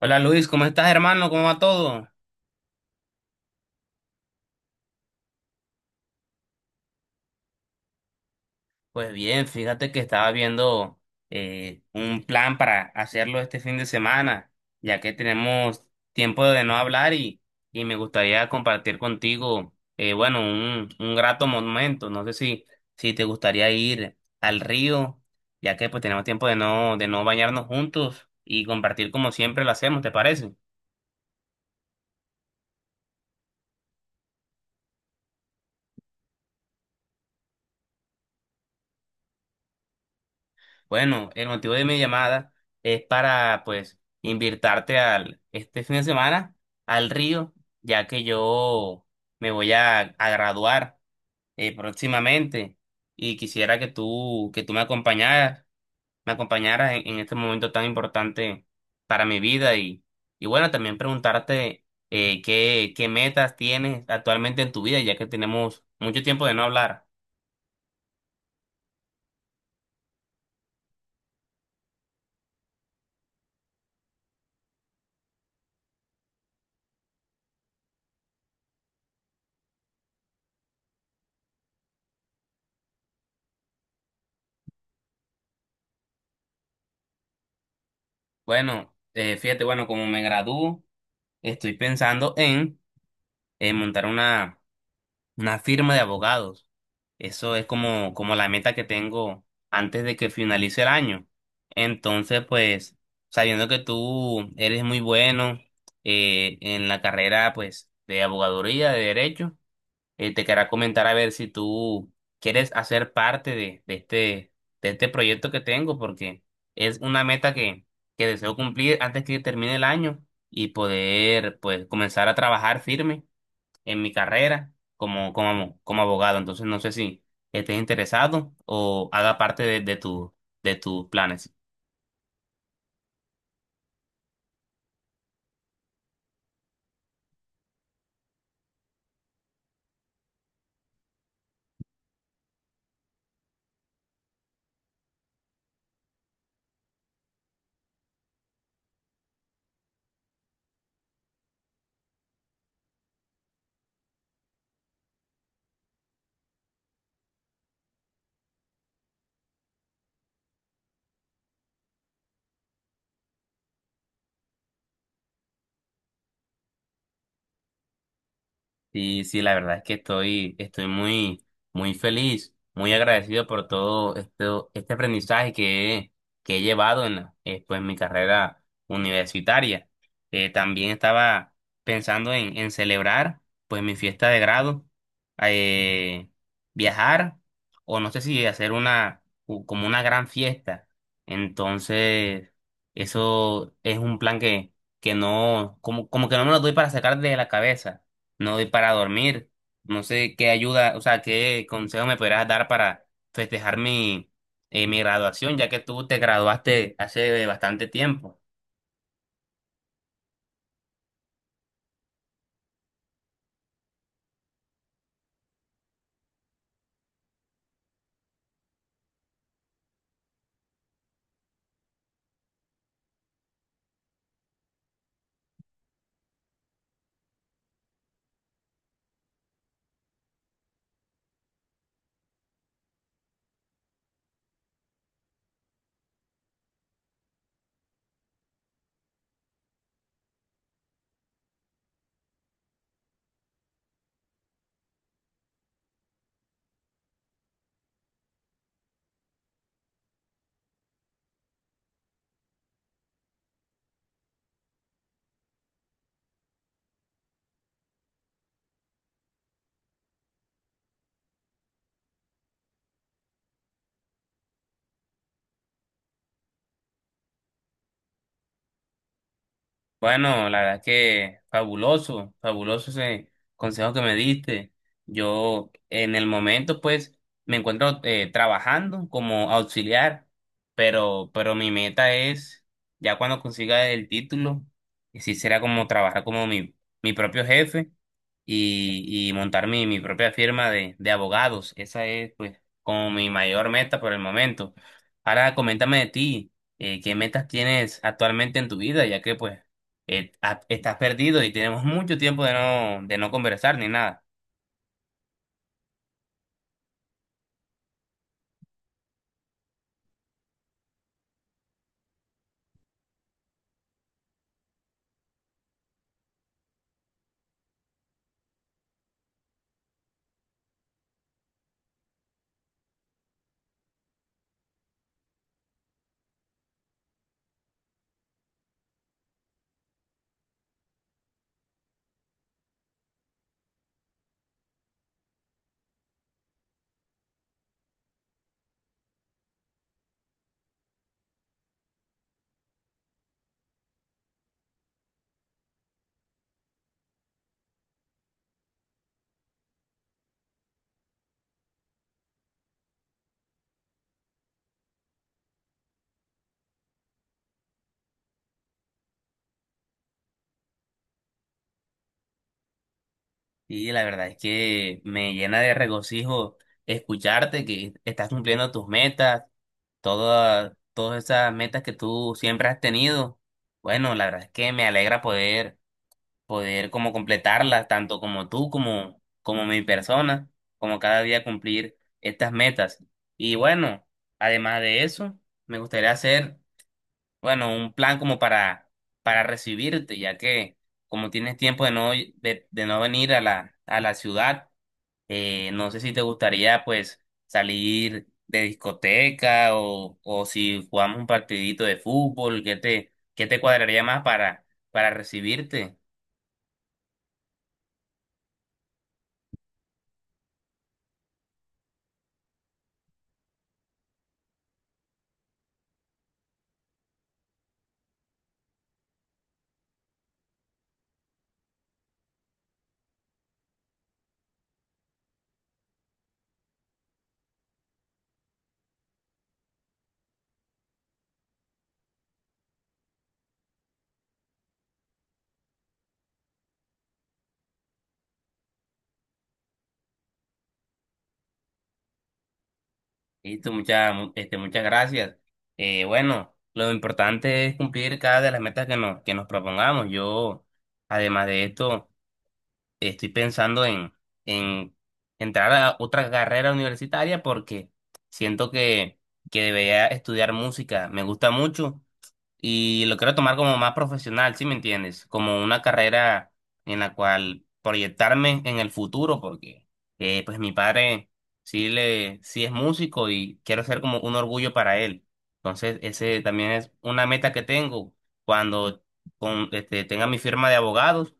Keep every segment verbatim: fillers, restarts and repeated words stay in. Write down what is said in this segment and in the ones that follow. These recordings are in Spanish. Hola Luis, ¿cómo estás hermano? ¿Cómo va todo? Pues bien, fíjate que estaba viendo eh, un plan para hacerlo este fin de semana, ya que tenemos tiempo de no hablar y, y me gustaría compartir contigo, eh, bueno, un, un grato momento. No sé si, si te gustaría ir al río, ya que pues tenemos tiempo de no, de no bañarnos juntos y compartir como siempre lo hacemos, ¿te parece? Bueno, el motivo de mi llamada es para, pues, invitarte al, este fin de semana al río, ya que yo me voy a, a graduar eh, próximamente y quisiera que tú, que tú me acompañaras, me acompañaras en, en este momento tan importante para mi vida y, y bueno, también preguntarte eh, qué, qué metas tienes actualmente en tu vida, ya que tenemos mucho tiempo de no hablar. Bueno, eh, fíjate, bueno, como me gradúo, estoy pensando en eh, montar una, una firma de abogados. Eso es como, como la meta que tengo antes de que finalice el año. Entonces, pues, sabiendo que tú eres muy bueno eh, en la carrera, pues, de abogaduría, de derecho, eh, te quería comentar a ver si tú quieres hacer parte de, de este, de este proyecto que tengo, porque es una meta que, que deseo cumplir antes que termine el año y poder, pues, comenzar a trabajar firme en mi carrera como, como, como abogado. Entonces no sé si estés interesado o haga parte de, de tu, de tus planes. Sí, sí, la verdad es que estoy, estoy muy, muy feliz, muy agradecido por todo esto, este aprendizaje que he, que he llevado en, la- eh, pues, en mi carrera universitaria. Eh, también estaba pensando en, en celebrar pues mi fiesta de grado, eh, viajar o no sé si hacer una, u- como una gran fiesta. Entonces, eso es un plan que, que no, como, como que no me lo doy para sacar de la cabeza no doy para dormir. No sé qué ayuda, o sea, qué consejo me podrás dar para festejar mi, eh, mi graduación, ya que tú te graduaste hace bastante tiempo. Bueno, la verdad que fabuloso, fabuloso ese consejo que me diste. Yo en el momento pues me encuentro eh, trabajando como auxiliar, pero, pero mi meta es, ya cuando consiga el título, que sí será como trabajar como mi, mi propio jefe y, y montar mi, mi propia firma de, de abogados. Esa es pues como mi mayor meta por el momento. Ahora coméntame de ti, eh, ¿qué metas tienes actualmente en tu vida? Ya que pues eh, ah, estás perdido y tenemos mucho tiempo de no, de no conversar ni nada. Y la verdad es que me llena de regocijo escucharte que estás cumpliendo tus metas, todas, todas esas metas que tú siempre has tenido. Bueno, la verdad es que me alegra poder, poder como completarlas, tanto como tú, como, como mi persona, como cada día cumplir estas metas. Y bueno, además de eso, me gustaría hacer bueno, un plan como para, para recibirte, ya que como tienes tiempo de no, de, de no venir a la, a la ciudad, eh, no sé si te gustaría pues salir de discoteca o, o si jugamos un partidito de fútbol, ¿qué te, qué te cuadraría más para, para recibirte? Listo, muchas, este, muchas gracias. Eh, bueno, lo importante es cumplir cada de las metas que nos, que nos propongamos. Yo, además de esto, estoy pensando en, en entrar a otra carrera universitaria porque siento que, que debería estudiar música. Me gusta mucho y lo quiero tomar como más profesional, ¿sí me entiendes? Como una carrera en la cual proyectarme en el futuro porque eh, pues mi padre sí, le, sí es músico y quiero ser como un orgullo para él. Entonces, ese también es una meta que tengo cuando con, este, tenga mi firma de abogados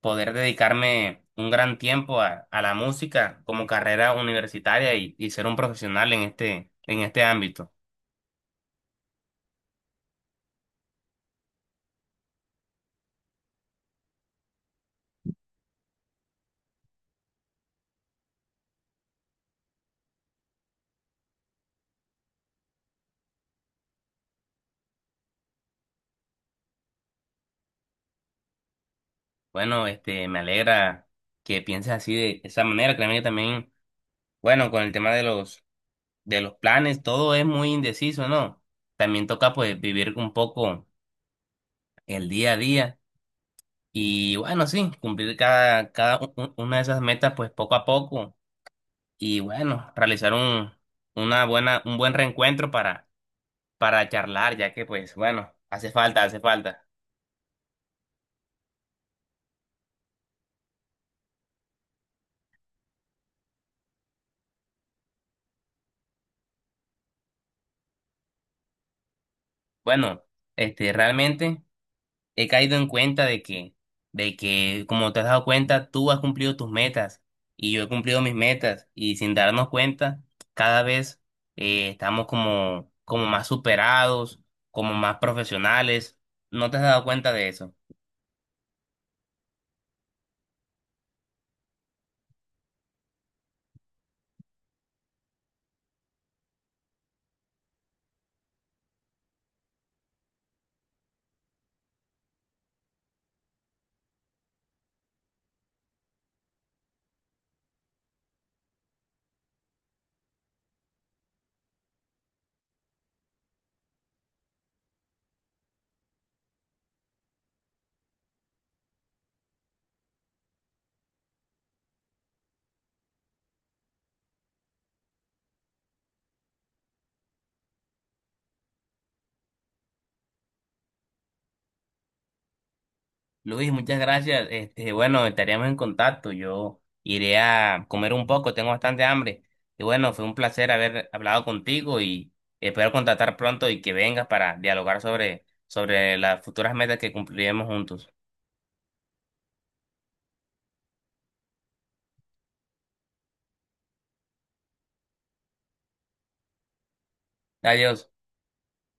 poder dedicarme un gran tiempo a, a la música como carrera universitaria y, y ser un profesional en este, en este ámbito. Bueno, este, me alegra que pienses así de esa manera. Créeme que también, bueno, con el tema de los, de los planes, todo es muy indeciso, ¿no? También toca pues vivir un poco el día a día y bueno, sí, cumplir cada, cada u- u- una de esas metas pues poco a poco y bueno, realizar un, una buena, un buen reencuentro para para charlar, ya que pues bueno, hace falta, hace falta. Bueno, este, realmente he caído en cuenta de que, de que como te has dado cuenta, tú has cumplido tus metas y yo he cumplido mis metas y sin darnos cuenta, cada vez eh, estamos como, como más superados, como más profesionales. ¿No te has dado cuenta de eso? Luis, muchas gracias. Este, bueno, estaríamos en contacto. Yo iré a comer un poco, tengo bastante hambre. Y bueno, fue un placer haber hablado contigo y espero contactar pronto y que vengas para dialogar sobre, sobre las futuras metas que cumpliremos juntos. Adiós.